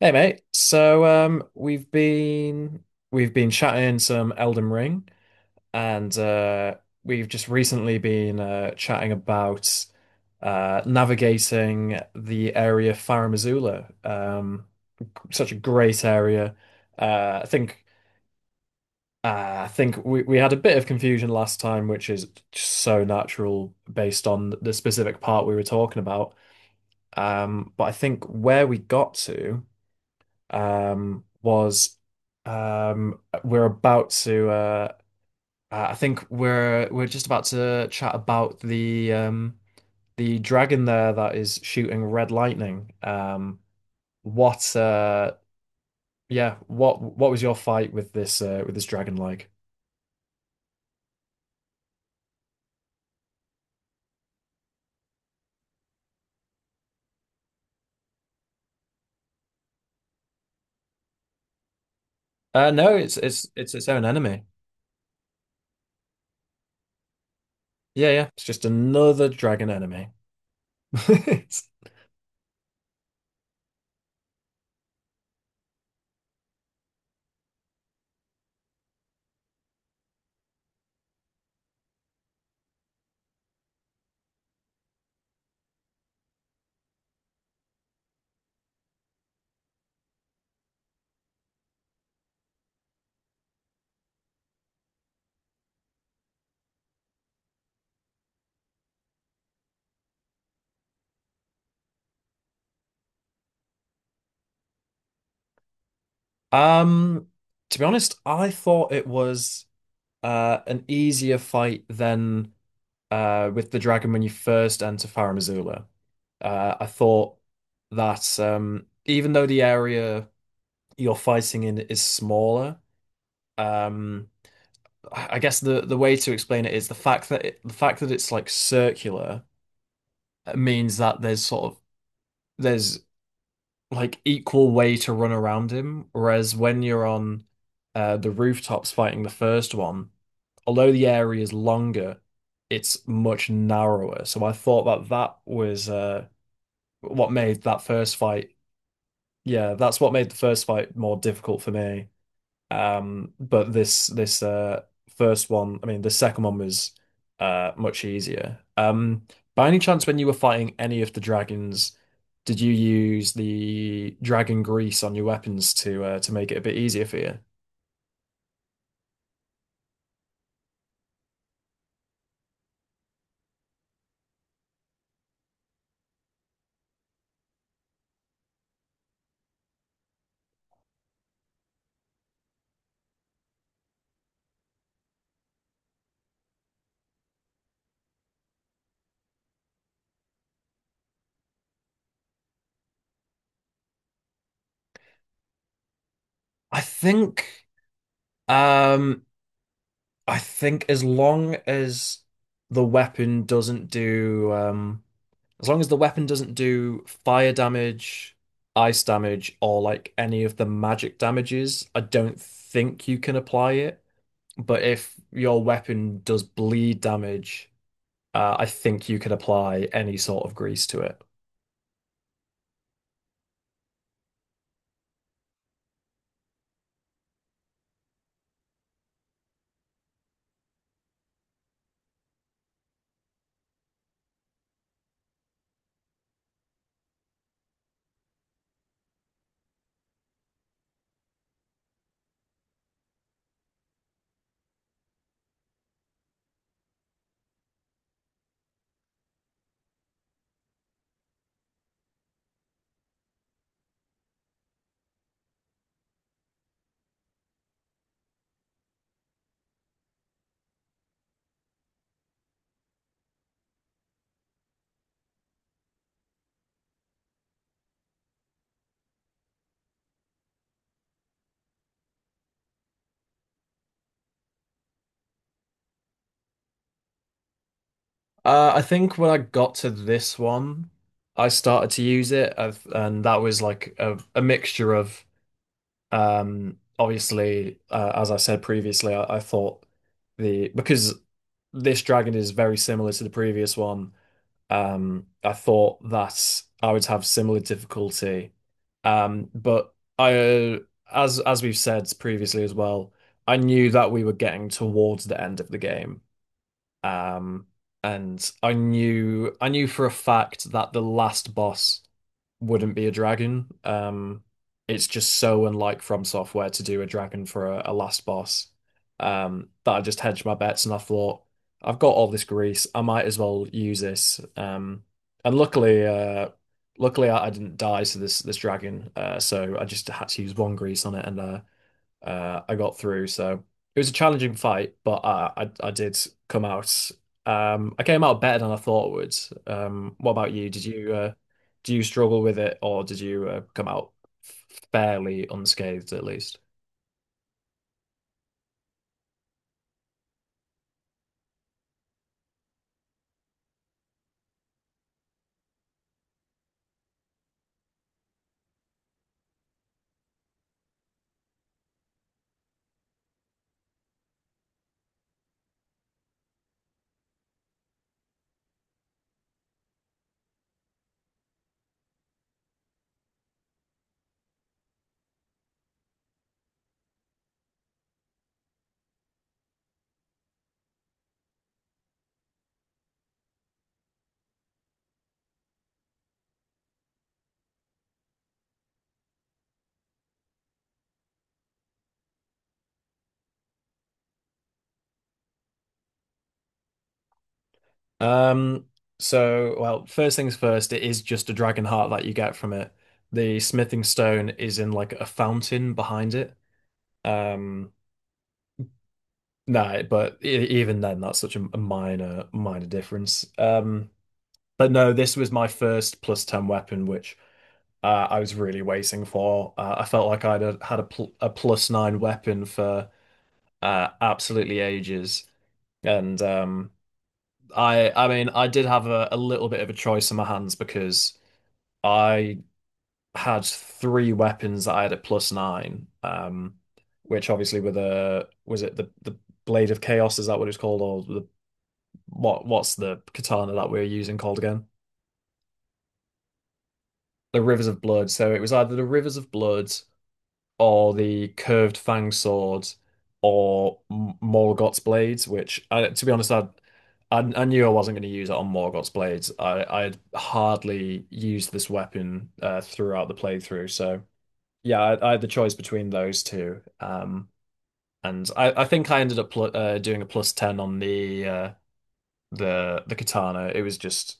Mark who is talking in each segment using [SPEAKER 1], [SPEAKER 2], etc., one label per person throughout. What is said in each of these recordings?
[SPEAKER 1] Hey mate, we've been chatting some Elden Ring, and we've just recently been chatting about navigating the area Farum Azula. Such a great area. Uh, I think I think we had a bit of confusion last time, which is just so natural based on the specific part we were talking about. But I think where we got to, was, we're about to, I think we're just about to chat about the the dragon there that is shooting red lightning. What yeah what was your fight with this dragon like? No, it's its own enemy. Yeah, yeah, it's just another dragon enemy. Um, to be honest, I thought it was an easier fight than. With the dragon when you first enter Farah Missoula. I thought that, even though the area you're fighting in is smaller, um, I guess the way to explain it is the fact that it's like circular means that there's sort of there's like equal way to run around him, whereas when you're on the rooftops fighting the first one, although the area is longer, it's much narrower. So I thought that that was what made that first fight, yeah, that's what made the first fight more difficult for me. But this first one, I mean, the second one was much easier. By any chance, when you were fighting any of the dragons, did you use the dragon grease on your weapons to make it a bit easier for you? I think um I think as long as the weapon doesn't do as long as the weapon doesn't do fire damage, ice damage, or like any of the magic damages, I don't think you can apply it. But if your weapon does bleed damage, I think you can apply any sort of grease to it. I think when I got to this one, I started to use it, and that was like a mixture of obviously, as I said previously, I thought the because this dragon is very similar to the previous one. I thought that I would have similar difficulty. But I, as we've said previously as well, I knew that we were getting towards the end of the game. Um, and I knew for a fact that the last boss wouldn't be a dragon. It's just so unlike From Software to do a dragon for a last boss. That I just hedged my bets and I thought, I've got all this grease, I might as well use this. And luckily I didn't die to this this dragon. So I just had to use one grease on it and I got through. So it was a challenging fight, but I did come out. I came out better than I thought I would. What about you? Did you do you struggle with it, or did you come out fairly unscathed at least? Um, well, first things first, it is just a dragon heart that you get from it. The smithing stone is in like a fountain behind it. Um, no, but even then, that's such a minor, minor difference. But no, this was my first plus 10 weapon, which I was really waiting for. I felt like I'd had a plus 9 weapon for absolutely ages. And I mean, I did have a little bit of a choice in my hands because I had three weapons that I had at plus 9, which obviously were the, was it the Blade of Chaos? Is that what it's called? Or what's the katana that we're using called again? The Rivers of Blood. So it was either the Rivers of Blood or the Curved Fang Sword or Morgott's Blades, which, I, to be honest, I, I knew I wasn't going to use it on Morgott's Blades. I had hardly used this weapon throughout the playthrough. So yeah, I had the choice between those two. And I think I ended up pl doing a plus 10 on the the katana. It was just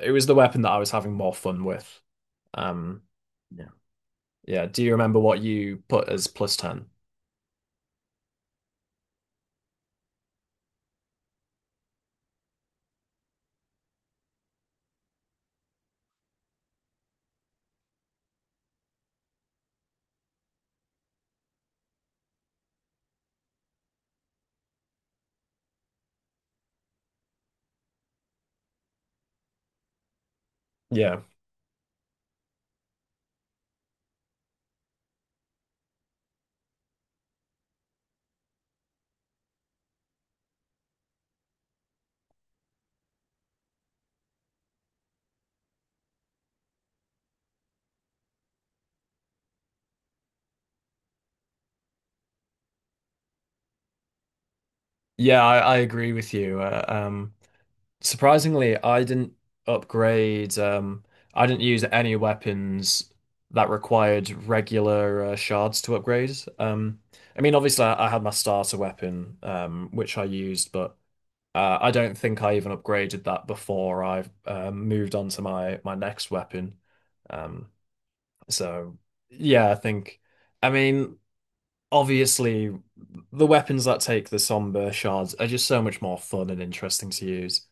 [SPEAKER 1] it was the weapon that I was having more fun with. Um, yeah. Do you remember what you put as plus 10? Yeah. Yeah, I agree with you. Surprisingly, I didn't upgrade, I didn't use any weapons that required regular shards to upgrade. Um, I mean, obviously, I had my starter weapon, which I used, but I don't think I even upgraded that before I moved on to my next weapon. Um, so, yeah, I think, I mean, obviously the weapons that take the somber shards are just so much more fun and interesting to use.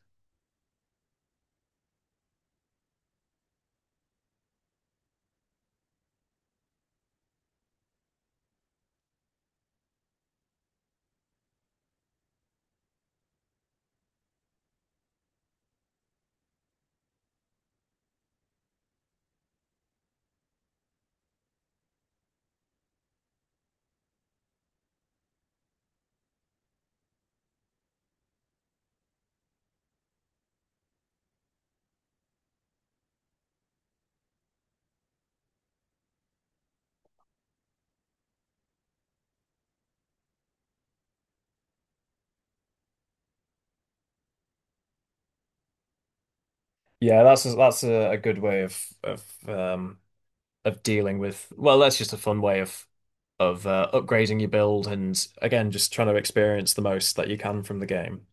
[SPEAKER 1] Yeah, that's that's a good way of dealing with. Well, that's just a fun way of upgrading your build and again just trying to experience the most that you can from the game.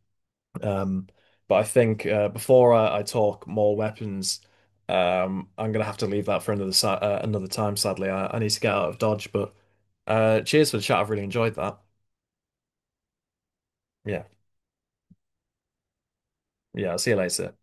[SPEAKER 1] Um, but I think before I talk more weapons, I'm gonna have to leave that for another time. Sadly, I need to get out of Dodge. But cheers for the chat. I've really enjoyed that. Yeah. Yeah, I'll see you later.